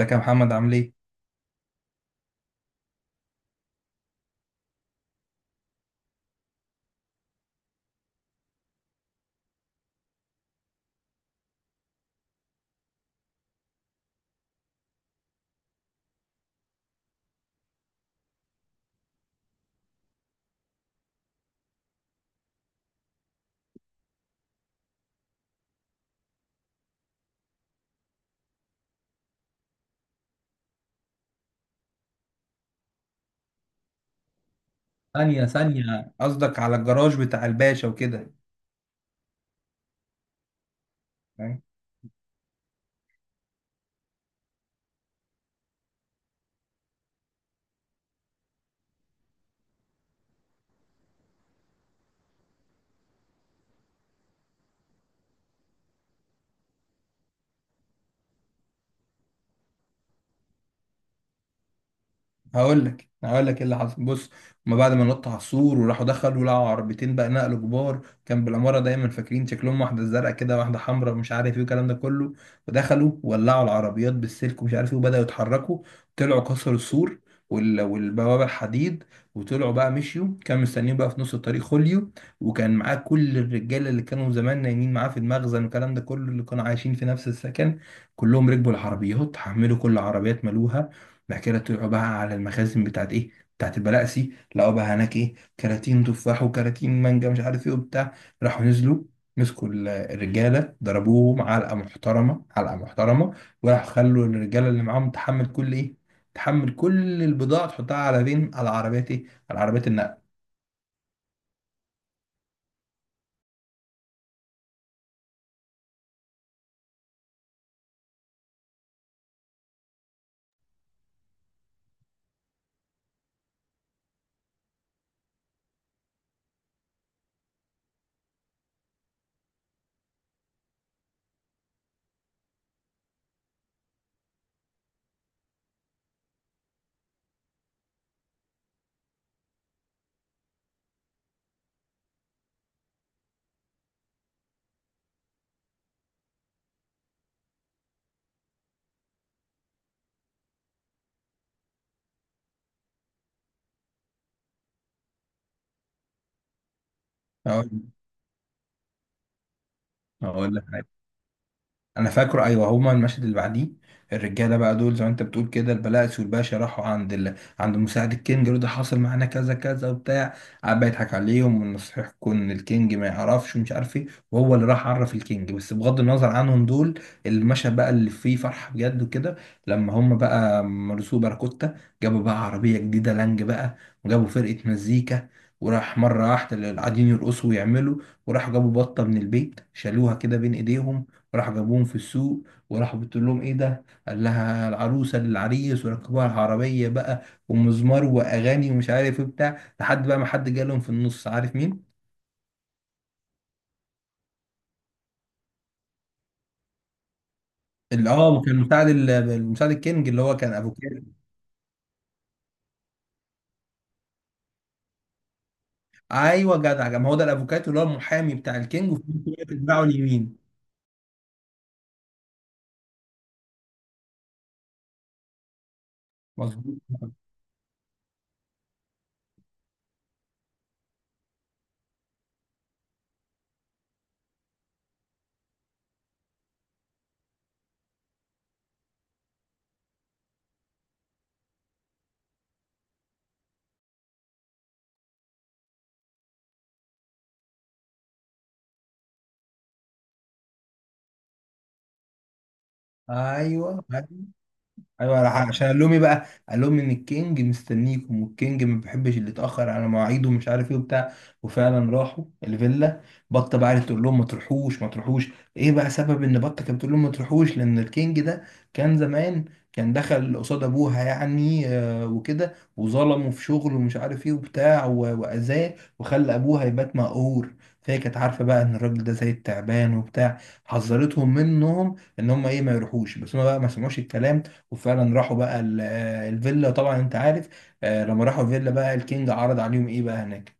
ازيك يا محمد، عامل ايه؟ ثانية ثانية، قصدك على الجراج بتاع الباشا وكده. هقول لك ايه اللي حصل. بص، هما بعد ما نط على السور وراحوا دخلوا لقوا عربيتين بقى نقل كبار كان بالعماره، دايما فاكرين شكلهم، واحده زرقاء كده واحده حمراء مش عارف ايه الكلام ده كله. ودخلوا ولعوا العربيات بالسلك ومش عارف ايه، وبداوا يتحركوا. طلعوا كسروا السور وال- والبوابه الحديد، وطلعوا بقى مشيوا، كان مستنيين بقى في نص الطريق خوليو، وكان معاه كل الرجاله اللي كانوا زمان نايمين معاه في المخزن والكلام ده كله، اللي كانوا عايشين في نفس السكن. كلهم ركبوا العربيات، حملوا كل عربيات ملوها. بحكي لها طلعوا بقى على المخازن بتاعت ايه، بتاعت البلاقسي، لقوا بقى هناك ايه، كراتين تفاح وكراتين مانجا مش عارف ايه وبتاع. راحوا نزلوا، مسكوا الرجاله ضربوهم علقه محترمه علقه محترمه. وراحوا خلوا الرجاله اللي معاهم تحمل كل ايه، تحمل كل البضاعه تحطها على فين، على عربيات ايه، على عربيات النقل. اقول أقول لك، انا فاكره ايوه. هما المشهد اللي بعديه، الرجاله بقى دول زي ما انت بتقول كده، البلاتس والباشا راحوا عند عند مساعد الكينج يقولوا ده حاصل معانا كذا كذا وبتاع. قعد بقى يضحك عليهم ونصيحكم ان الكينج ما يعرفش ومش عارف ايه، وهو اللي راح عرف الكينج. بس بغض النظر عنهم دول، المشهد بقى اللي فيه فرحه بجد وكده، لما هما بقى مرسو باراكوتا جابوا بقى عربيه جديده لانج بقى، وجابوا فرقه مزيكا، وراح مره واحده اللي قاعدين يرقصوا ويعملوا. وراحوا جابوا بطه من البيت، شالوها كده بين ايديهم، راح جابوهم في السوق. وراح بتقول لهم ايه ده، قال لها العروسه للعريس، وركبوها العربيه بقى، ومزمار واغاني ومش عارف ايه بتاع، لحد بقى ما حد جالهم في النص، عارف مين؟ اللي اه كان مساعد المساعد الكينج، اللي هو كان افوكاتو. ايوه جدع، ما هو ده الافوكاتو اللي هو المحامي بتاع الكينج، وفي نفس الوقت بتاعه اليمين. مظبوط. ايوه ايوه، راح عشان قال لهم ايه بقى، قال لهم ان الكينج مستنيكم، والكينج ما بيحبش اللي يتاخر على مواعيده ومش عارف ايه وبتاع. وفعلا راحوا الفيلا. بطه بقى قعدت تقول لهم ما تروحوش ما تروحوش. ايه بقى سبب ان بطه كانت بتقول لهم ما تروحوش؟ لان الكينج ده كان زمان كان دخل قصاد ابوها يعني، وكده، وظلمه في شغله ومش عارف ايه وبتاع واذاه، وخلى ابوها يبات مقهور. فهي كانت عارفه بقى ان الراجل ده زي التعبان وبتاع، حذرتهم منهم ان هم ايه ما يروحوش، بس هم بقى ما سمعوش الكلام. وفعلا راحوا بقى الفيلا. طبعا انت عارف، لما راحوا الفيلا بقى الكينج عرض عليهم ايه بقى هناك.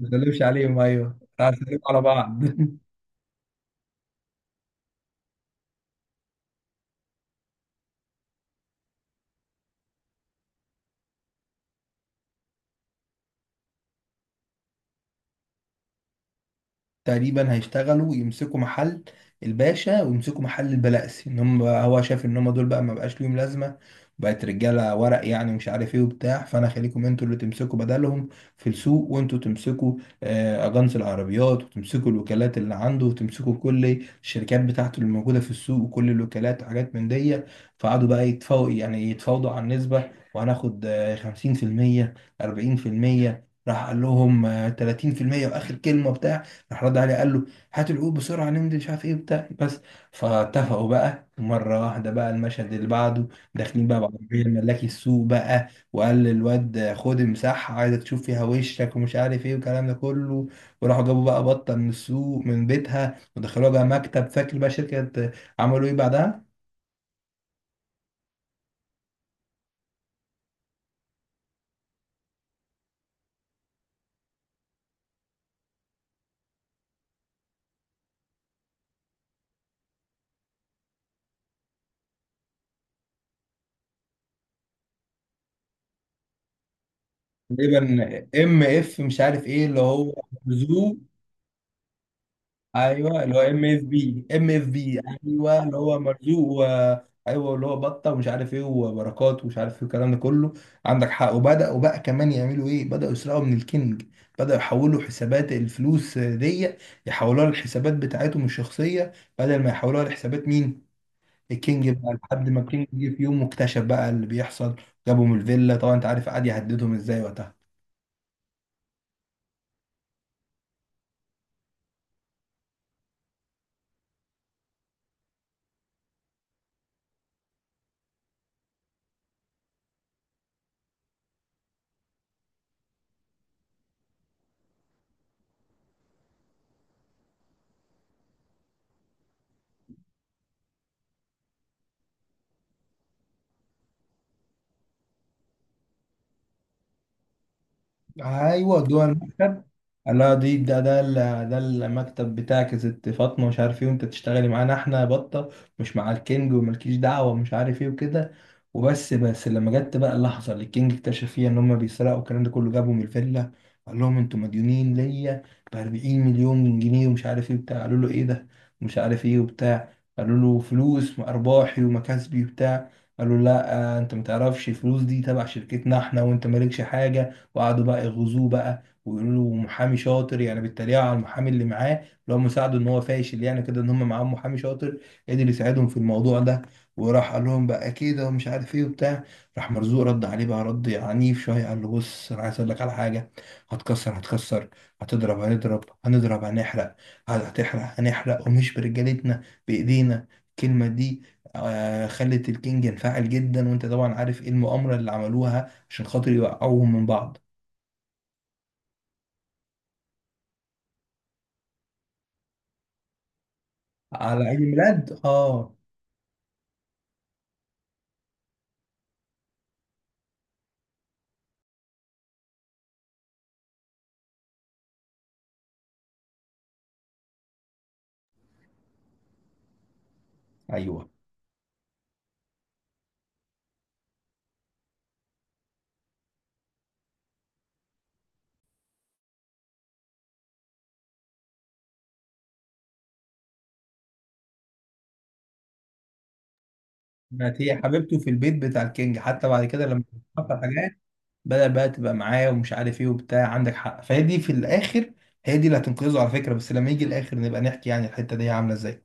ما سلمش عليهم، ايوه راح سلموا على بعض تقريبا هيشتغلوا يمسكوا محل الباشا ويمسكوا محل البلاسي، ان هم بقى هو شايف ان هم دول بقى ما بقاش ليهم لازمه، بقت رجاله ورق يعني ومش عارف ايه وبتاع. فانا خليكم انتوا اللي تمسكوا بدلهم في السوق، وانتوا تمسكوا اجانس العربيات، وتمسكوا الوكالات اللي عنده، وتمسكوا كل الشركات بتاعته اللي موجوده في السوق، وكل الوكالات وحاجات من دي. فقعدوا بقى يتفاوضوا يعني، يتفاوضوا على النسبه، وهناخد 50%. 40%. راح قال لهم 30%. واخر كلمه بتاع، راح رد عليه قال له هات العود بسرعه ننزل مش عارف ايه وبتاع، بس. فاتفقوا بقى مره واحده. بقى المشهد اللي بعده، داخلين بقى بعربيه الملاكي السوق بقى، وقال للواد خد مساحه عايزك تشوف فيها وشك ومش عارف ايه والكلام ده كله. وراحوا جابوا بقى بطه من السوق من بيتها، ودخلوها بقى مكتب، فاكر بقى شركه. عملوا ايه بعدها؟ تقريبا ام اف مش عارف ايه، اللي هو زو. ايوه اللي هو ام اف بي، ام اف بي. ايوه اللي هو مرزوق و... ايوه اللي هو بطه ومش عارف ايه وبركات ومش عارف ايه الكلام ده كله. عندك حق. وبداوا بقى كمان يعملوا ايه، بداوا يسرقوا من الكينج، بداوا يحولوا حسابات الفلوس دي، يحولوها للحسابات بتاعتهم الشخصيه، بدل ما يحولوها لحسابات مين، الكينج. بقى لحد ما الكينج جه في يوم واكتشف بقى اللي بيحصل، جابهم الفيلا، طبعا انت عارف قعد يهددهم ازاي وقتها. ايوه جوه المكتب. قال لها دي ده المكتب بتاعك يا ست فاطمه مش عارف ايه، وانت تشتغلي معانا احنا بطه، مش مع الكينج وملكيش دعوه ومش عارف ايه وكده. وبس، لما جت بقى اللحظه اللي الكينج اكتشف فيها ان هم بيسرقوا والكلام ده كله، جابهم الفيلا. قال لهم انتوا مديونين ليا ب 40 مليون جنيه ومش عارف ايه وبتاع. قالوا له ايه ده مش عارف ايه وبتاع، قالوا له فلوس وارباحي ومكاسبي وبتاع. قالوا له لا انت ما تعرفش، الفلوس دي تبع شركتنا احنا وانت مالكش حاجه. وقعدوا بقى يغزوه بقى ويقولوا له محامي شاطر، يعني بيتريقوا على المحامي اللي معاه اللي هو مساعده، ان هو فاشل يعني كده، ان هم معاهم محامي شاطر قدر يساعدهم في الموضوع ده. وراح قال لهم بقى كده ومش عارف ايه وبتاع. راح مرزوق رد عليه بقى رد عنيف شويه، قال له بص انا عايز اقول لك على حاجه، هتكسر هتكسر، هتضرب هنضرب هنضرب هنحرق، هتحرق هنحرق، ومش برجالتنا، بايدينا الكلمه دي. خلت الكينج ينفعل جدا، وانت طبعا عارف ايه المؤامره اللي عملوها عشان خاطر يوقعوهم من بعض. على عيد الميلاد اه، ايوه. بقت هي حبيبته في البيت بتاع الكينج، حتى بعد كده لما حصل حاجات بدأ بقى تبقى معاه ومش عارف ايه وبتاع. عندك حق، فهي دي في الاخر، هي دي اللي هتنقذه على فكره، بس لما يجي الاخر نبقى نحكي يعني الحته دي عامله ازاي.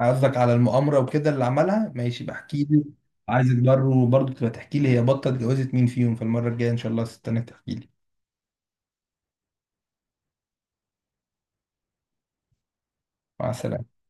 قصدك على المؤامره وكده اللي عملها، ماشي بحكي لي. عايزك برضه تبقى تحكي لي هي بطه اتجوزت مين فيهم في المره الجايه ان شاء الله، استناك تحكي لي. مع السلامه.